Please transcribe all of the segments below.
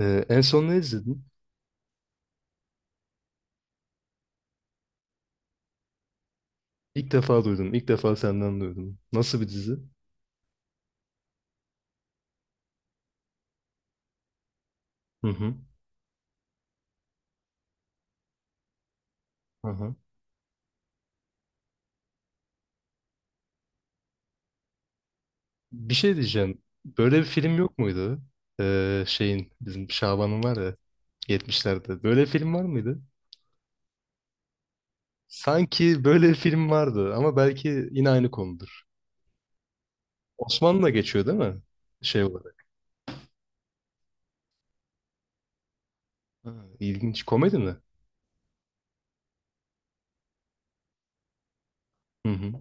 En son ne izledin? İlk defa duydum. İlk defa senden duydum. Nasıl bir dizi? Hı hı. Hı hı. Bir şey diyeceğim. Böyle bir film yok muydu? Şeyin bizim Şaban'ın var ya 70'lerde. Böyle bir film var mıydı? Sanki böyle bir film vardı ama belki yine aynı konudur. Osmanlı'da geçiyor değil mi? Şey olarak. Ha, ilginç. Komedi mi? Hı hı.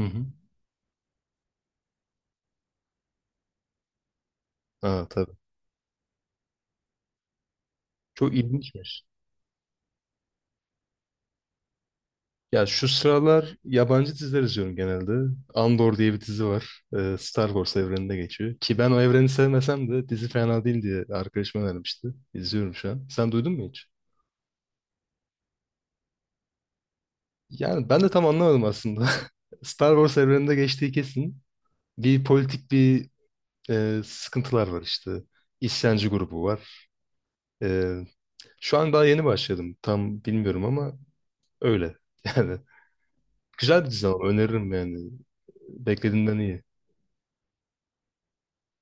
Hı hı. Aa, tabii. Çok ilginçmiş. Ya şu sıralar yabancı diziler izliyorum genelde. Andor diye bir dizi var. Star Wars evreninde geçiyor. Ki ben o evreni sevmesem de dizi fena değil diye arkadaşım önermişti. İzliyorum şu an. Sen duydun mu hiç? Yani ben de tam anlamadım aslında. Star Wars evreninde geçtiği kesin. Bir politik bir sıkıntılar var işte. İsyancı grubu var. E, Şu an daha yeni başladım. Tam bilmiyorum ama öyle. Yani güzel bir dizi ama öneririm yani. Beklediğimden iyi.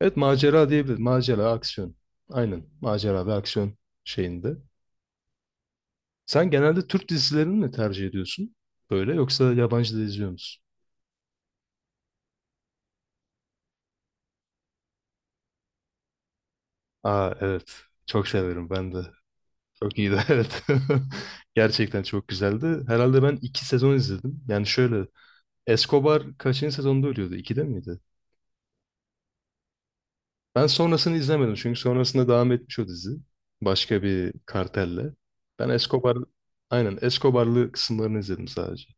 Evet macera diyebilir. Macera, aksiyon. Aynen. Macera ve aksiyon şeyinde. Sen genelde Türk dizilerini mi tercih ediyorsun? Böyle yoksa yabancı da izliyor musun? Aa evet. Çok severim ben de. Çok iyiydi evet. Gerçekten çok güzeldi. Herhalde ben 2 sezon izledim. Yani şöyle Escobar kaçıncı sezonda ölüyordu? İkide miydi? Ben sonrasını izlemedim çünkü sonrasında devam etmiş o dizi. Başka bir kartelle. Ben Escobar, aynen Escobar'lı kısımlarını izledim sadece.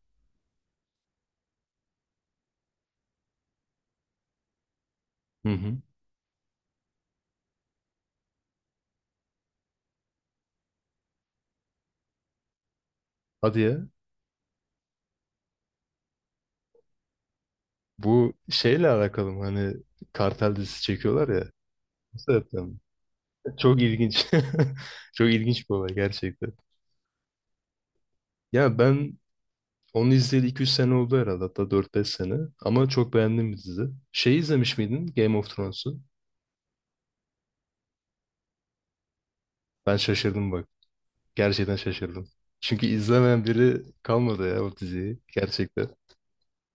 Hı hı. Hadi ya. Bu şeyle alakalı mı? Hani kartel dizisi çekiyorlar ya. Bu sebepten mi? Çok ilginç. Çok ilginç bir olay gerçekten. Ya ben onu izleyeli 2-3 sene oldu herhalde. Hatta 4-5 sene. Ama çok beğendim bir dizi. Şey izlemiş miydin? Game of Thrones'u. Ben şaşırdım bak. Gerçekten şaşırdım. Çünkü izlemeyen biri kalmadı ya o diziyi. Gerçekten.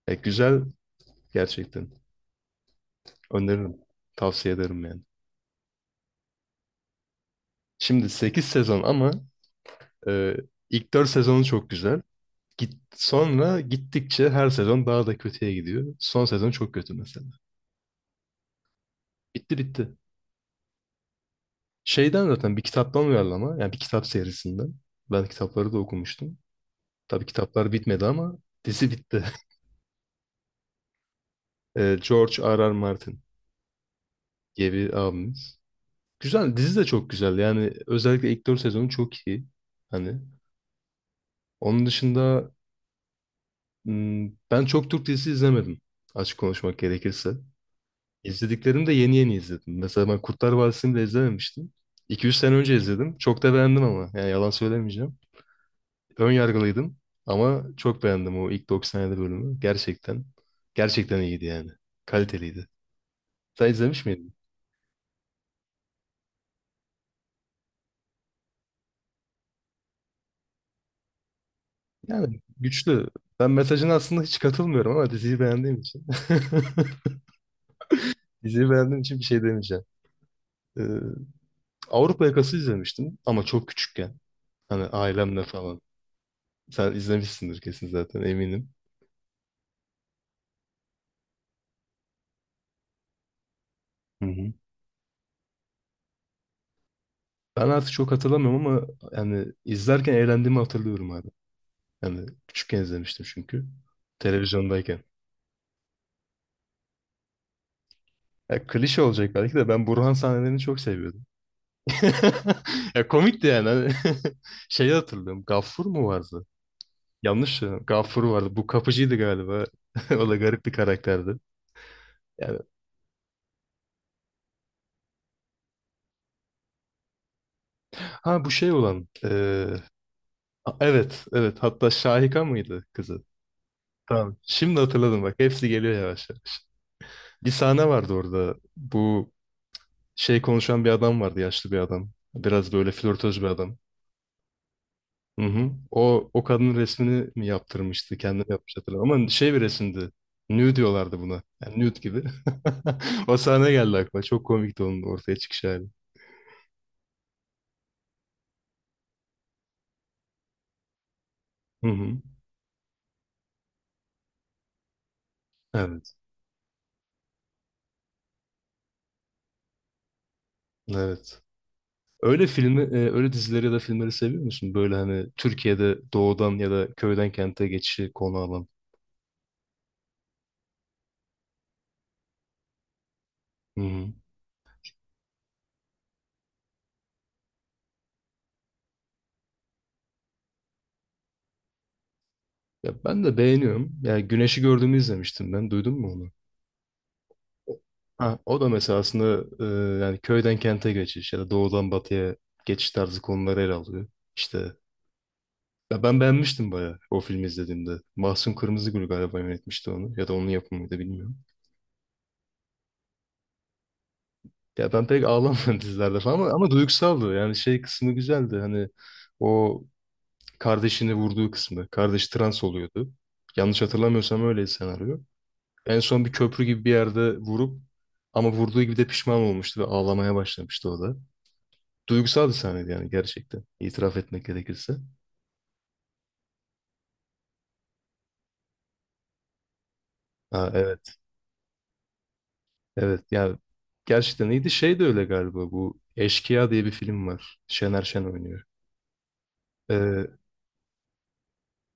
Ya güzel gerçekten. Öneririm. Tavsiye ederim yani. Şimdi 8 sezon ama e, ilk 4 sezonu çok güzel. Git, sonra gittikçe her sezon daha da kötüye gidiyor. Son sezon çok kötü mesela. Bitti bitti. Şeyden zaten bir kitaptan uyarlama. Yani bir kitap serisinden. Ben kitapları da okumuştum. Tabii kitaplar bitmedi ama dizi bitti. George R. R. Martin diye bir abimiz. Güzel. Dizi de çok güzel. Yani özellikle ilk 4 sezonu çok iyi. Hani onun dışında ben çok Türk dizisi izlemedim. Açık konuşmak gerekirse. İzlediklerimi de yeni yeni izledim. Mesela ben Kurtlar Vadisi'ni de izlememiştim. 2-3 sene önce izledim. Çok da beğendim ama. Yani yalan söylemeyeceğim. Ön yargılıydım ama çok beğendim o ilk 97 bölümü. Gerçekten. Gerçekten iyiydi yani. Kaliteliydi. Sen izlemiş miydin? Yani güçlü. Ben mesajına aslında hiç katılmıyorum ama diziyi beğendiğim için. Diziyi beğendiğim için bir şey demeyeceğim. Ee, Avrupa Yakası izlemiştim ama çok küçükken. Hani ailemle falan. Sen izlemişsindir kesin zaten eminim. Hı hı. Ben artık çok hatırlamıyorum ama yani izlerken eğlendiğimi hatırlıyorum abi. Yani küçükken izlemiştim çünkü. Televizyondayken. Ya klişe olacak belki de ben Burhan sahnelerini çok seviyordum. Ya komikti yani. Hani Şeyi hatırlıyorum. Gaffur mu vardı? Yanlış ya. Gaffur vardı. Bu kapıcıydı galiba. O da garip bir karakterdi. Yani ha bu şey olan. Evet, evet. Hatta Şahika mıydı kızı? Tamam. Şimdi hatırladım bak. Hepsi geliyor yavaş yavaş. Bir sahne vardı orada. Bu şey konuşan bir adam vardı, yaşlı bir adam. Biraz böyle flörtöz bir adam. Hı hı. O kadının resmini mi yaptırmıştı? Kendini yapmış hatırlamıyorum. Ama şey bir resimdi. Nude diyorlardı buna. Yani nude gibi. O sahne geldi aklıma. Çok komikti onun ortaya çıkış hali. Hı hı. Evet. Evet. Öyle filmi, öyle dizileri ya da filmleri seviyor musun? Böyle hani Türkiye'de doğudan ya da köyden kente geçişi konu alan. Hı hı. Ya ben de beğeniyorum. Ya Güneş'i gördüğümü izlemiştim ben. Duydun mu onu? Ha, o da mesela aslında yani köyden kente geçiş ya da doğudan batıya geçiş tarzı konuları ele alıyor. İşte ya ben beğenmiştim bayağı o filmi izlediğimde. Mahsun Kırmızıgül galiba yönetmişti onu ya da onun yapımıydı bilmiyorum. Ya ben pek ağlamadım dizilerde falan ama, duygusaldı. Yani şey kısmı güzeldi hani o kardeşini vurduğu kısmı. Kardeş trans oluyordu. Yanlış hatırlamıyorsam öyle senaryo. En son bir köprü gibi bir yerde vurup ama vurduğu gibi de pişman olmuştu ve ağlamaya başlamıştı o da. Duygusal bir sahneydi yani gerçekten. İtiraf etmek gerekirse. Ha, evet. Evet. Yani gerçekten iyiydi. Şey de öyle galiba. Bu Eşkıya diye bir film var. Şener Şen oynuyor. Ee,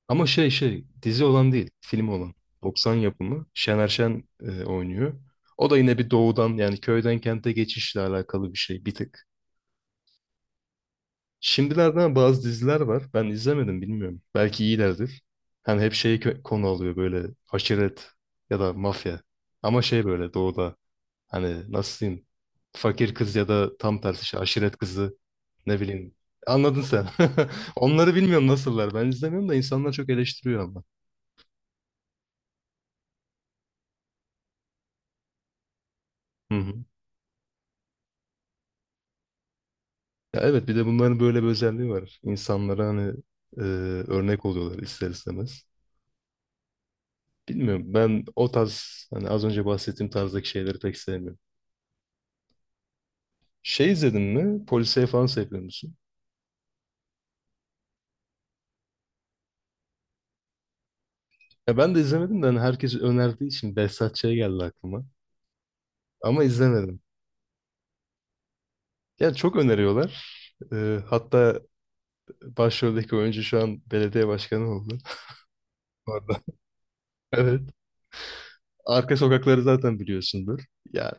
Ama şey dizi olan değil. Film olan. 90 yapımı. Şener Şen oynuyor. O da yine bir doğudan yani köyden kente geçişle alakalı bir şey bir tık. Şimdilerden bazı diziler var. Ben izlemedim bilmiyorum. Belki iyilerdir. Hani hep şeyi konu alıyor böyle aşiret ya da mafya. Ama şey böyle doğuda, hani nasıl diyeyim? Fakir kız ya da tam tersi işte aşiret kızı ne bileyim. Anladın sen. Onları bilmiyorum nasıllar. Ben izlemiyorum da insanlar çok eleştiriyor ama. Hı hı. Ya evet bir de bunların böyle bir özelliği var. İnsanlara hani e, örnek oluyorlar ister istemez. Bilmiyorum ben o tarz hani az önce bahsettiğim tarzdaki şeyleri pek sevmiyorum. Şey izledin mi? Polisiye falan seviyor musun? Ya ben de izlemedim de hani herkes önerdiği için Behzat Ç. geldi aklıma. Ama izlemedim. Ya çok öneriyorlar. Hatta başroldeki oyuncu şu an belediye başkanı oldu. Orada. Evet. Arka sokakları zaten biliyorsundur. Ya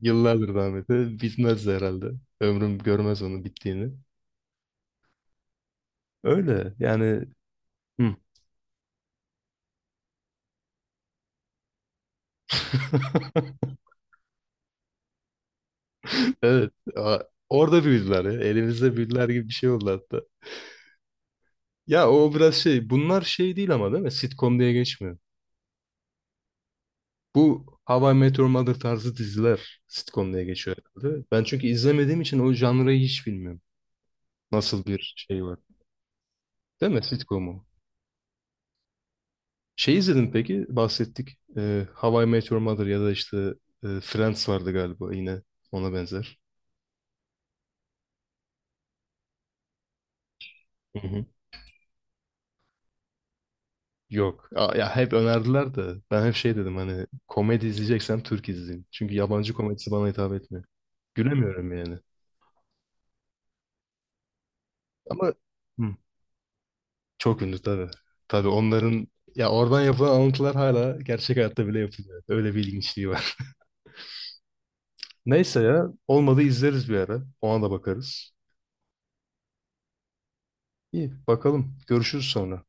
yıllardır rahmetli. Bitmez de herhalde. Ömrüm görmez onun bittiğini. Öyle yani. Hı. Evet. Orada büyüdüler ya. Elimizde büyüdüler gibi bir şey oldu hatta. Ya o biraz şey. Bunlar şey değil ama değil mi? Sitcom diye geçmiyor. Bu How I Met Your Mother tarzı diziler sitcom diye geçiyor herhalde. Ben çünkü izlemediğim için o janrayı hiç bilmiyorum. Nasıl bir şey var. Değil mi sitcomu? Şey izledin peki bahsettik. How I Met Your Mother ya da işte Friends vardı galiba yine ona benzer. Hı hı. Yok. Aa, ya hep önerdiler de ben hep şey dedim hani komedi izleyeceksem Türk izleyeyim. Çünkü yabancı komedisi bana hitap etmiyor. Gülemiyorum yani. Ama hı, çok ünlü tabii. Tabii onların ya oradan yapılan alıntılar hala gerçek hayatta bile yapılıyor. Öyle bir ilginçliği var. Neyse ya olmadı izleriz bir ara. Ona da bakarız. İyi bakalım. Görüşürüz sonra.